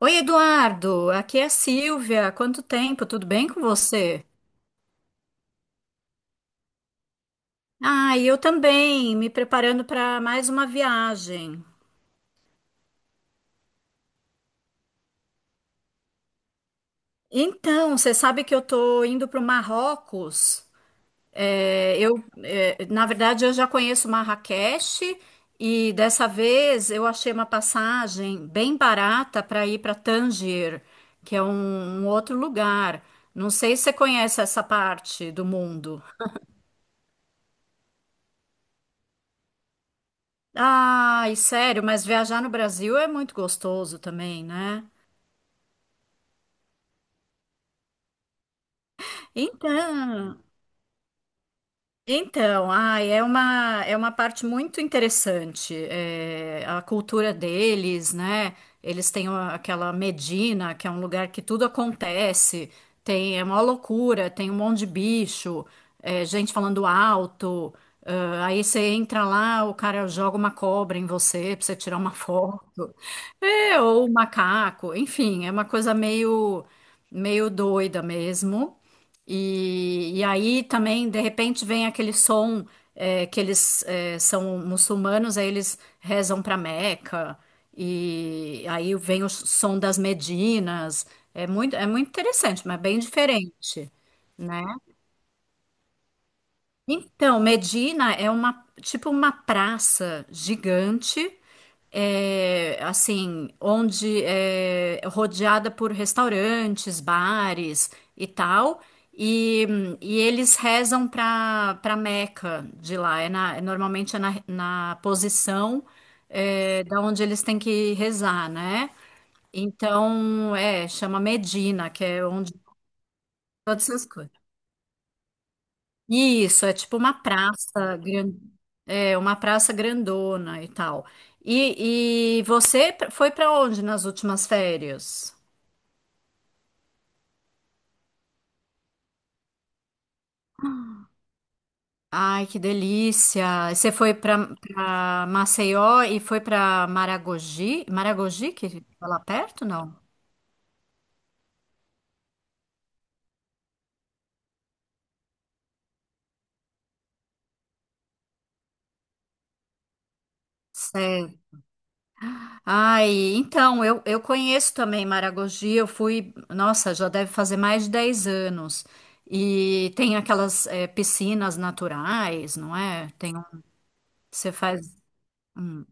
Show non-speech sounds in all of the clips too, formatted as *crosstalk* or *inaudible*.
Oi, Eduardo, aqui é a Silvia. Quanto tempo? Tudo bem com você? Ah, e eu também, me preparando para mais uma viagem. Então, você sabe que eu tô indo para o Marrocos. É, eu, Na verdade, eu já conheço Marrakech e dessa vez eu achei uma passagem bem barata para ir para Tanger, que é um outro lugar. Não sei se você conhece essa parte do mundo. Ai, sério, mas viajar no Brasil é muito gostoso também, né? Então, Então, ai, é uma parte muito interessante, a cultura deles, né? Eles têm aquela Medina, que é um lugar que tudo acontece, tem, é uma loucura, tem um monte de bicho, gente falando alto, ah, aí você entra lá, o cara joga uma cobra em você pra você tirar uma *laughs* foto, ou um macaco, enfim, é uma coisa meio doida mesmo. E aí também, de repente, vem aquele som que eles são muçulmanos, aí eles rezam para Meca, e aí vem o som das Medinas. É muito interessante, mas bem diferente, né? Então, Medina é uma tipo uma praça gigante, assim, onde é rodeada por restaurantes, bares e tal, e, e eles rezam para Meca de lá. Normalmente é na posição da onde eles têm que rezar, né? Então, chama Medina, que é onde todas essas coisas. Isso, é tipo uma praça grande. É, uma praça grandona e tal. E você foi para onde nas últimas férias? Ai, que delícia! Você foi para Maceió e foi para Maragogi? Maragogi, que fica lá perto, não? Sei. Ai, então, eu conheço também Maragogi, eu fui, nossa, já deve fazer mais de 10 anos. E tem aquelas piscinas naturais, não é? Você faz. hum.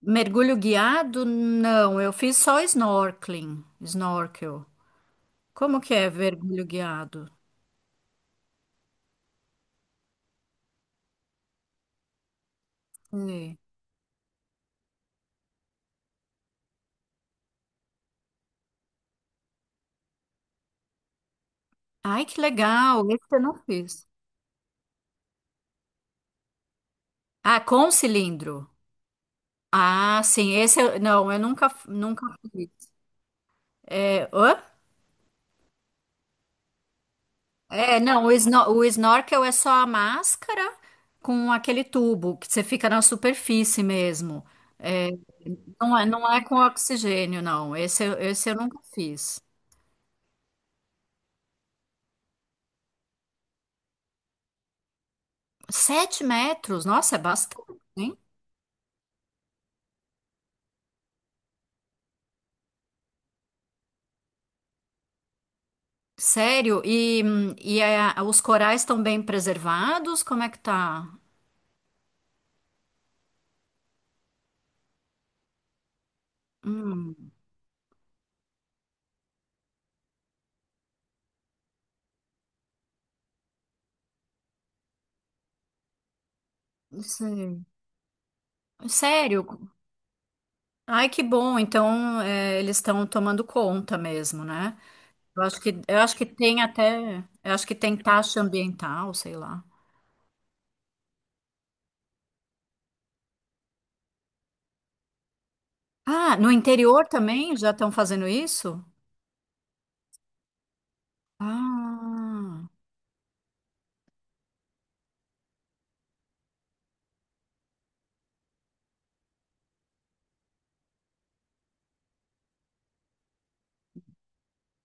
Mergulho guiado? Não, eu fiz só snorkeling, snorkel. Como que é mergulho guiado? É. Ai, que legal, esse eu não fiz. Ah, com cilindro. Ah, sim, esse eu, não, eu nunca, nunca fiz. É, hã? Não, o snorkel é só a máscara com aquele tubo que você fica na superfície mesmo. Não é com oxigênio, não. Esse eu nunca fiz. 7 metros, nossa, é bastante. Sério? E os corais estão bem preservados? Como é que tá? Hum, não sei. Sério? Ai, que bom. Então, eles estão tomando conta mesmo, né? Eu acho que tem até, eu acho que tem taxa ambiental, sei lá. Ah, no interior também já estão fazendo isso? Ah,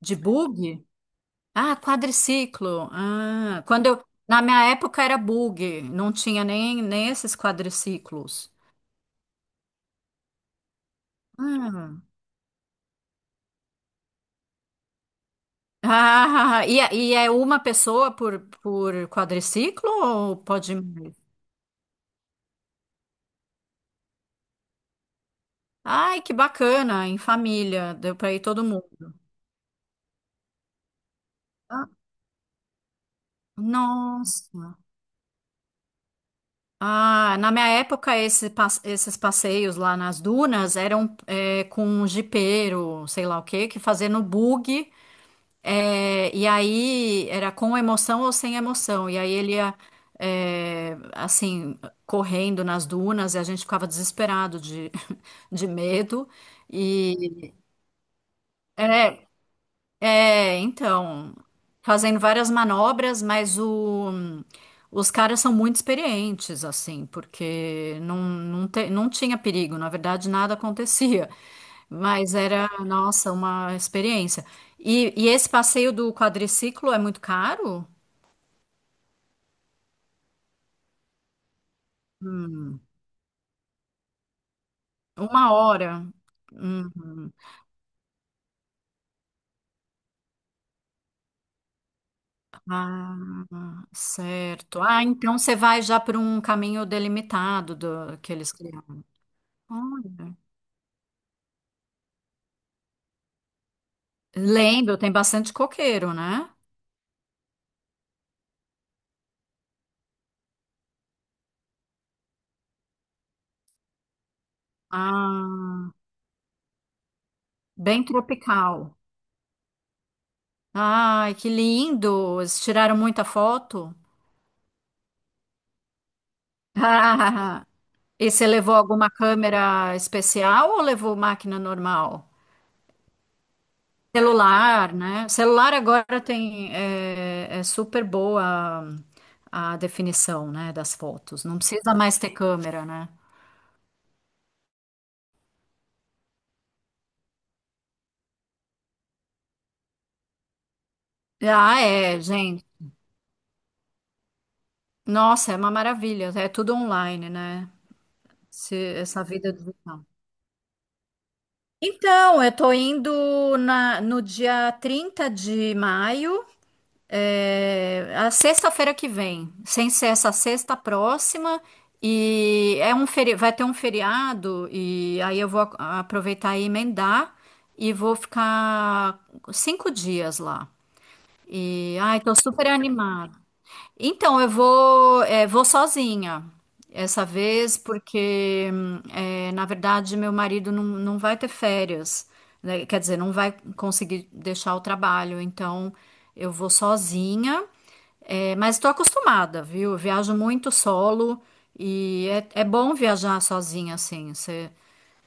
de bug? Ah, quadriciclo. Ah, quando na minha época era bug, não tinha nem, esses quadriciclos. Ah. Ah, e é uma pessoa por quadriciclo ou pode ir mais? Ai, que bacana, em família, deu para ir todo mundo. Ah, nossa. Ah, na minha época, esses passeios lá nas dunas eram com um jipeiro, sei lá o quê, que fazia no bug. É, e aí era com emoção ou sem emoção. E aí ele ia, assim, correndo nas dunas e a gente ficava desesperado de, *laughs* de medo. E, é, então, fazendo várias manobras, mas os caras são muito experientes, assim, porque não não tinha perigo, na verdade nada acontecia, mas era, nossa, uma experiência. E esse passeio do quadriciclo é muito caro? Hum, uma hora. Uhum. Ah, certo. Ah, então você vai já por um caminho delimitado que eles criaram. Olha. Lembro, tem bastante coqueiro, né? Ah, bem tropical. Ai, que lindo! Eles tiraram muita foto. *laughs* Ah, e você levou alguma câmera especial ou levou máquina normal? Celular, né? Celular agora tem é super boa a definição, né, das fotos. Não precisa mais ter câmera, né? Ah, é, gente. Nossa, é uma maravilha. É tudo online, né? Essa vida digital. Então, eu tô indo no dia 30 de maio, a sexta-feira que vem, sem ser essa sexta próxima, e é um feri vai ter um feriado, e aí eu vou aproveitar e emendar, e vou ficar 5 dias lá. E, ai, tô super animada. Então, eu vou sozinha essa vez, porque, na verdade, meu marido não vai ter férias, né? Quer dizer, não vai conseguir deixar o trabalho. Então, eu vou sozinha, mas estou acostumada, viu? Eu viajo muito solo e é bom viajar sozinha, assim. Você,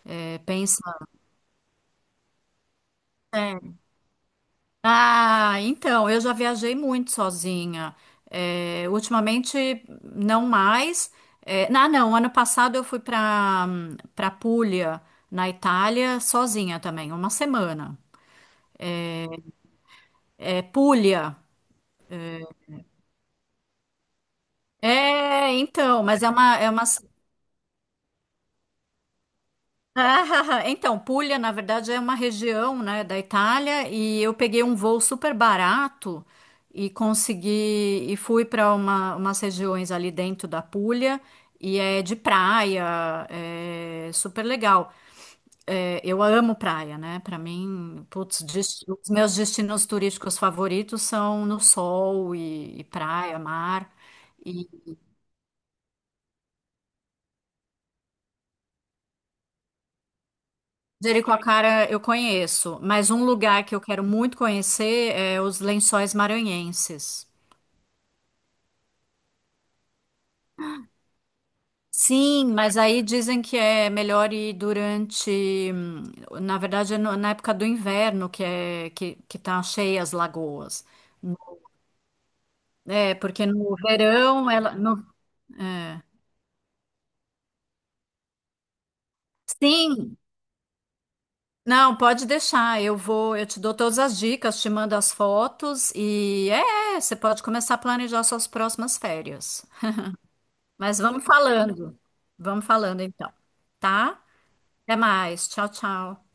é, pensa Ah, então, eu já viajei muito sozinha. É, ultimamente, não mais. Não, ano passado eu fui para Puglia, na Itália, sozinha também, uma semana. É, Puglia. É, então, mas é uma, *laughs* Ah, então, Puglia, na verdade, é uma região, né, da Itália e eu peguei um voo super barato e consegui e fui para umas regiões ali dentro da Puglia e é de praia, é super legal. É, eu amo praia, né? Para mim, putz, os meus destinos turísticos favoritos são no sol e praia, mar. Jericoacoara eu conheço, mas um lugar que eu quero muito conhecer é os Lençóis Maranhenses. Sim, mas aí dizem que é melhor ir durante, na verdade, na época do inverno que é que tá cheia as lagoas. É, porque no verão ela é. Sim, não, pode deixar. Eu te dou todas as dicas, te mando as fotos e você pode começar a planejar suas próximas férias. Mas vamos falando. Vamos falando então, tá? Até mais. Tchau, tchau.